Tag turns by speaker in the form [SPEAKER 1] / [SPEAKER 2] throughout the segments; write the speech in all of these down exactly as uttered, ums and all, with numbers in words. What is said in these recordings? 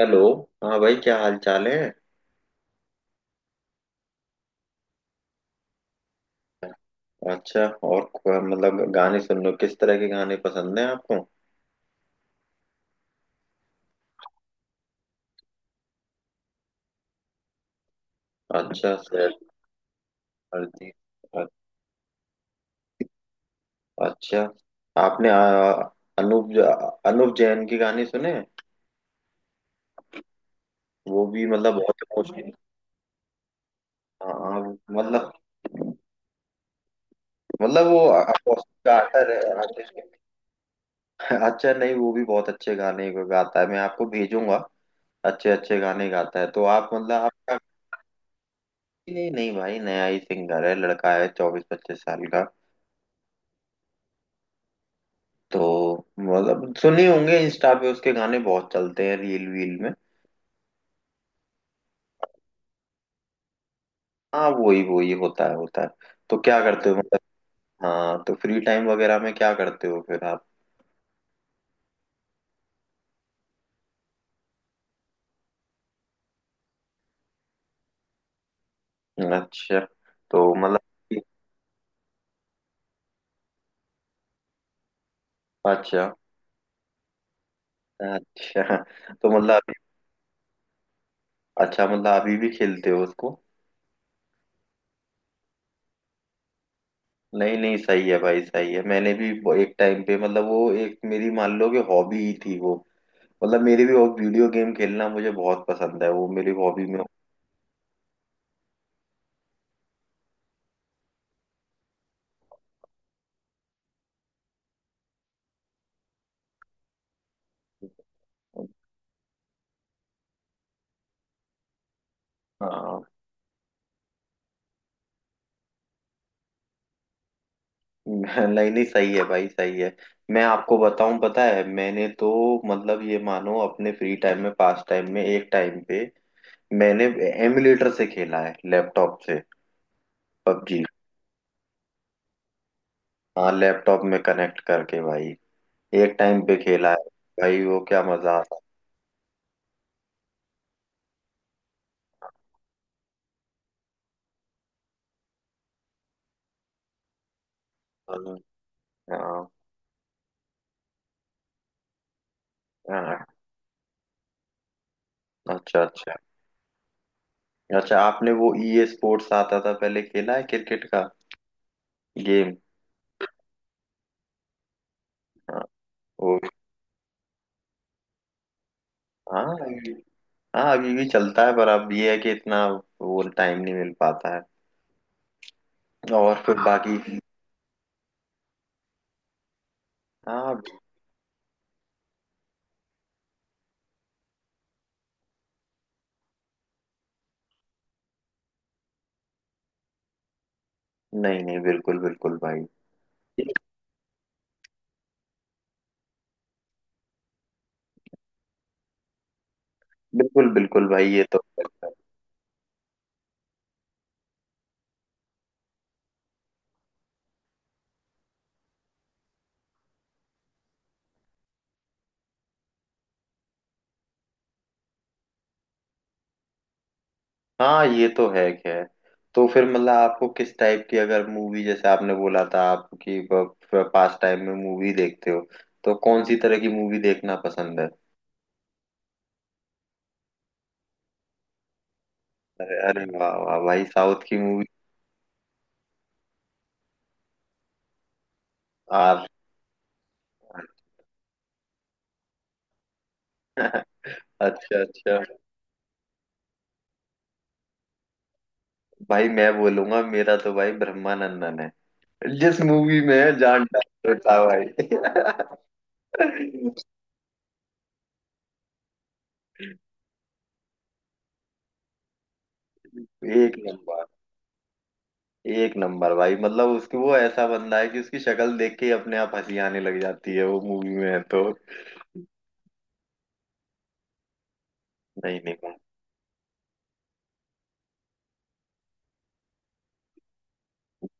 [SPEAKER 1] Hello. हाँ भाई, क्या हाल चाल है? अच्छा, और क- मतलब गाने सुनने, किस तरह के गाने पसंद हैं आपको? अच्छा सर। अरिजीत। अ- अच्छा। आपने आ, अनूप ज- अनूप जैन के गाने सुने? वो भी मतलब बहुत इमोशनल। हाँ हाँ, मतलब, मतलब वो अपोजिट का आर्टर है। artist। अच्छा, नहीं वो भी बहुत अच्छे गाने गाता है, मैं आपको भेजूंगा। अच्छे अच्छे गाने गाता है, तो आप मतलब आपका। नहीं नहीं भाई, नया ही सिंगर है, लड़का है चौबीस पच्चीस साल का। तो मतलब सुने होंगे, इंस्टा पे उसके गाने बहुत चलते हैं रील वील में। हाँ वही वही होता है, होता है। तो क्या करते हो मतलब? हाँ, तो फ्री टाइम वगैरह में क्या करते हो फिर आप? अच्छा। तो मतलब। अच्छा अच्छा। तो मतलब अभी- अच्छा, मतलब अभी भी खेलते हो उसको? नहीं नहीं सही है भाई, सही है। मैंने भी वो एक टाइम पे, मतलब वो एक मेरी, मान लो कि हॉबी ही थी वो। मतलब मेरी भी वो वीडियो गेम खेलना मुझे बहुत पसंद है, वो मेरी हॉबी में। हाँ। नहीं नहीं सही है भाई, सही है। मैं आपको बताऊं, पता है मैंने तो, मतलब ये मानो अपने फ्री टाइम में, पास टाइम में, एक टाइम पे मैंने एमुलेटर से खेला है, लैपटॉप से पबजी। हाँ, लैपटॉप में कनेक्ट करके भाई, एक टाइम पे खेला है। भाई वो क्या मजा आता था। हाँ। हाँ। अच्छा अच्छा। अच्छा, आपने वो ई स्पोर्ट्स आता था पहले, खेला है क्रिकेट का गेम? हाँ। वो। हाँ। हाँ, अभी भी चलता है, पर अब ये है कि इतना वो टाइम नहीं मिल पाता है। और फिर बाकी। हाँ। नहीं नहीं बिल्कुल बिल्कुल भाई। बिल्कुल बिल्कुल भाई, ये तो है। हाँ, ये तो है खैर। तो फिर मतलब आपको किस टाइप की, अगर मूवी, जैसे आपने बोला था आप कि पास टाइम में मूवी देखते हो, तो कौन सी तरह की मूवी देखना पसंद है? अरे अरे वाह वाह भाई, साउथ की मूवी! आर। अच्छा अच्छा। भाई मैं बोलूंगा, मेरा तो भाई ब्रह्मानंदन है, जिस मूवी में जान डाल देता भाई। एक नंबर, एक नंबर भाई, मतलब उसकी वो, ऐसा बंदा है कि उसकी शक्ल देख के ही अपने आप हंसी आने लग जाती है, वो मूवी में है तो। नहीं नहीं मैं-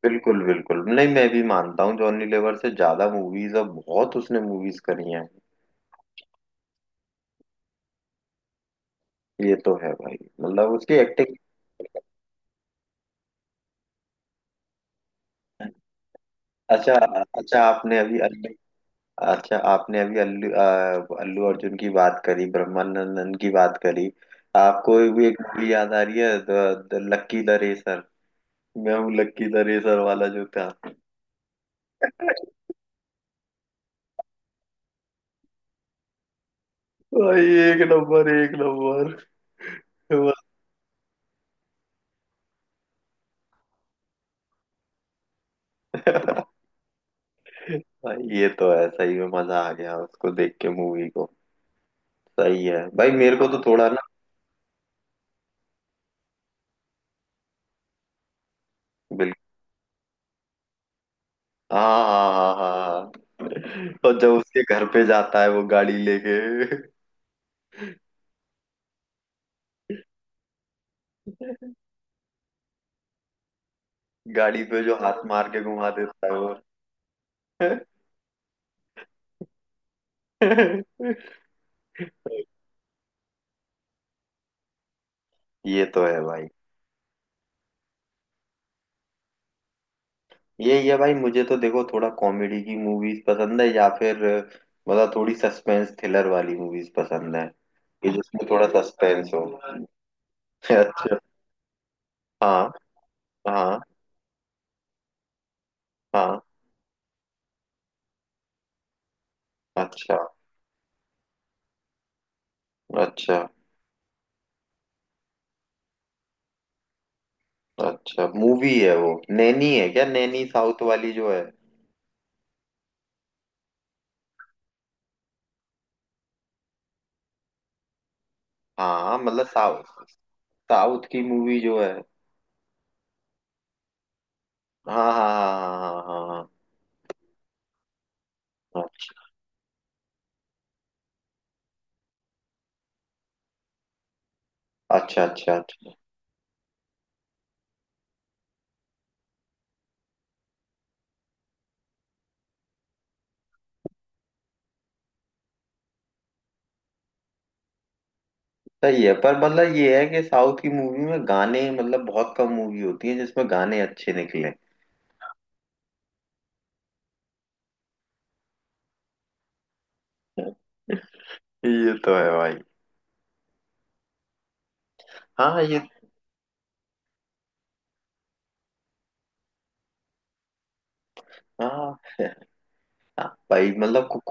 [SPEAKER 1] बिल्कुल बिल्कुल, नहीं मैं भी मानता हूँ, जॉनी लीवर से ज्यादा मूवीज, और बहुत उसने मूवीज करी हैं। ये तो है भाई, मतलब उसकी एक्टिंग। अच्छा। अच्छा आपने अभी अल्लू अच्छा, आपने अभी अल्लू अ, अल्लू अर्जुन की बात करी, ब्रह्मानंदन की बात करी, आपको भी एक मूवी याद आ रही है the, the lucky the racer? Main Hoon lucky the racer वाला जो था। भाई एक नंबर, एक नंबर भाई, ये तो है, सही में मजा आ गया उसको देख के, मूवी को। सही है भाई, मेरे को तो थोड़ा ना। बिल्कुल। हाँ हाँ हाँ हाँ हाँ, हाँ। और जब उसके घर पे जाता है वो गाड़ी लेके, गाड़ी पे जो हाथ मार के घुमा देता है वो। ये तो है भाई। ये ये भाई, मुझे तो देखो थोड़ा कॉमेडी की मूवीज पसंद है, या फिर मतलब थोड़ी सस्पेंस थ्रिलर वाली मूवीज पसंद है, कि जिसमें थोड़ा सस्पेंस हो। अच्छा। हाँ हाँ हाँ। अच्छा अच्छा। अच्छा मूवी है वो, नैनी है क्या नैनी, साउथ वाली जो है? हाँ मतलब साउथ, साउथ की मूवी जो है। हाँ हाँ हाँ हाँ हाँ हाँ। हाँ। हाँ। अच्छा अच्छा अच्छा। सही है, पर मतलब ये है कि साउथ की मूवी में गाने, मतलब बहुत कम मूवी होती है जिसमें गाने अच्छे निकले। ये तो है भाई। हाँ ये। हाँ हाँ, भाई मतलब कु-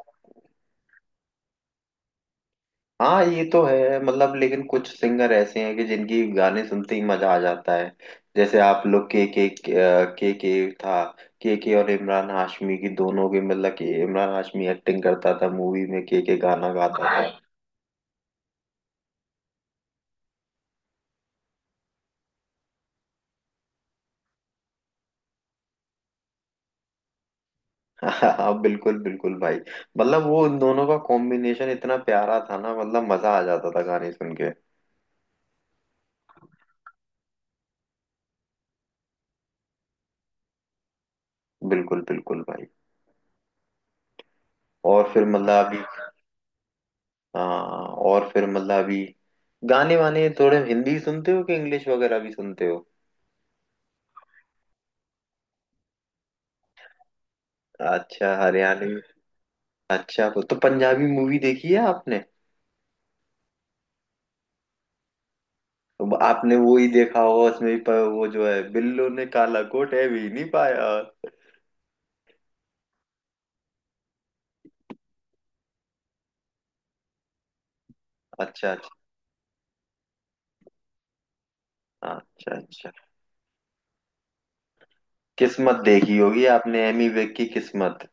[SPEAKER 1] हाँ ये तो है, मतलब लेकिन कुछ सिंगर ऐसे हैं कि जिनकी गाने सुनते ही मजा आ जाता है। जैसे आप लोग के के के के था, के के और इमरान हाशमी की दोनों के, मतलब कि इमरान हाशमी एक्टिंग करता था मूवी में, के के गाना गाता था। हाँ बिल्कुल बिल्कुल भाई। मतलब वो उन दोनों का कॉम्बिनेशन इतना प्यारा था ना, मतलब मजा आ जाता था गाने सुन के। बिल्कुल बिल्कुल भाई। और फिर मतलब अभी। हाँ, और फिर मतलब अभी गाने वाने थोड़े हिंदी सुनते हो कि इंग्लिश वगैरह भी सुनते हो? अच्छा हरियाणवी। अच्छा, वो तो पंजाबी मूवी देखी है आपने? अब आपने वो ही देखा होगा उसमें भी प- वो जो है, बिल्लो ने काला कोट है, भी नहीं पाया। अच्छा अच्छा। हाँ, अच्छा अच्छा। किस्मत देखी होगी आपने, एमी विर्क की किस्मत?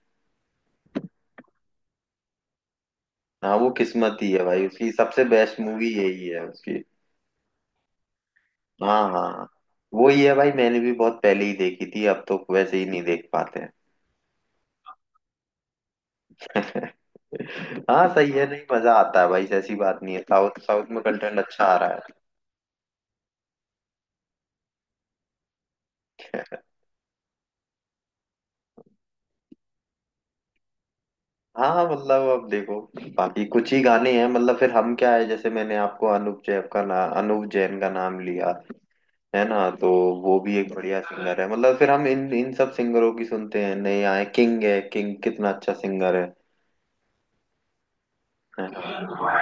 [SPEAKER 1] हाँ वो किस्मत ही है भाई, उसकी सबसे बेस्ट मूवी यही है उसकी। हाँ हाँ। वो ही है भाई, मैंने भी बहुत पहले ही देखी थी, अब तो वैसे ही नहीं देख पाते हैं। हाँ सही है, नहीं मजा आता है भाई, ऐसी बात नहीं है, साउथ, साउथ में कंटेंट अच्छा आ रहा है। हाँ मतलब अब देखो, बाकी कुछ ही गाने हैं, मतलब फिर हम क्या है, जैसे मैंने आपको अनूप जैन का ना, अनूप जैन का नाम लिया है ना, तो वो भी एक बढ़िया सिंगर है, मतलब फिर हम इन इन सब सिंगरों की सुनते हैं। नए आए किंग है, किंग कितना अच्छा सिंगर है है।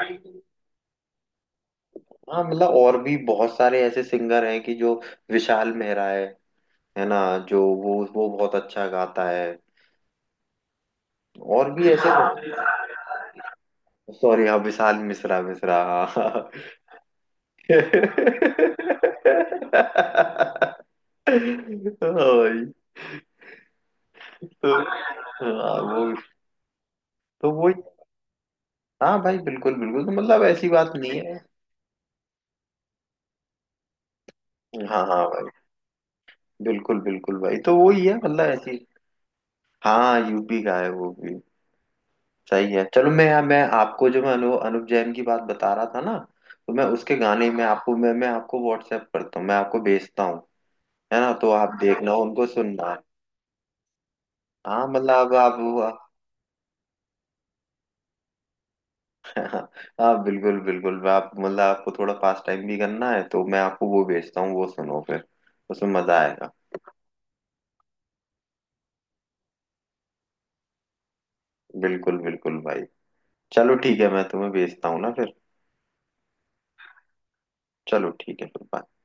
[SPEAKER 1] हाँ मतलब और भी बहुत सारे ऐसे सिंगर हैं कि जो, विशाल मेहरा है है ना, जो वो वो बहुत अच्छा गाता है, और भी ऐसे बहुत, सॉरी हाँ विशाल मिश्रा, मिश्रा। हाँ भाई, तो हाँ वो, तो वो। हाँ भाई बिल्कुल बिल्कुल, तो मतलब ऐसी बात नहीं है। हाँ हाँ भाई, बिल्कुल बिल्कुल भाई, तो वो ही है मतलब ऐसी। हाँ यूपी का है वो भी। सही है, चलो। मैं मैं आपको जो, मैं अनु, अनुप जैन की बात बता रहा था ना, तो मैं उसके गाने में आपको, मैं मैं आपको व्हाट्सएप करता हूँ, मैं आपको भेजता हूँ, है ना, तो आप देखना उनको, सुनना। हाँ मतलब अब आप आप। हाँ बिल्कुल बिल्कुल, मैं आप मतलब आपको थोड़ा पास टाइम भी करना है, तो मैं आपको वो भेजता हूँ, वो सुनो फिर, उसमें मजा आएगा। बिल्कुल बिल्कुल भाई। चलो ठीक है, मैं तुम्हें भेजता हूँ ना फिर। चलो ठीक है, फिर bye।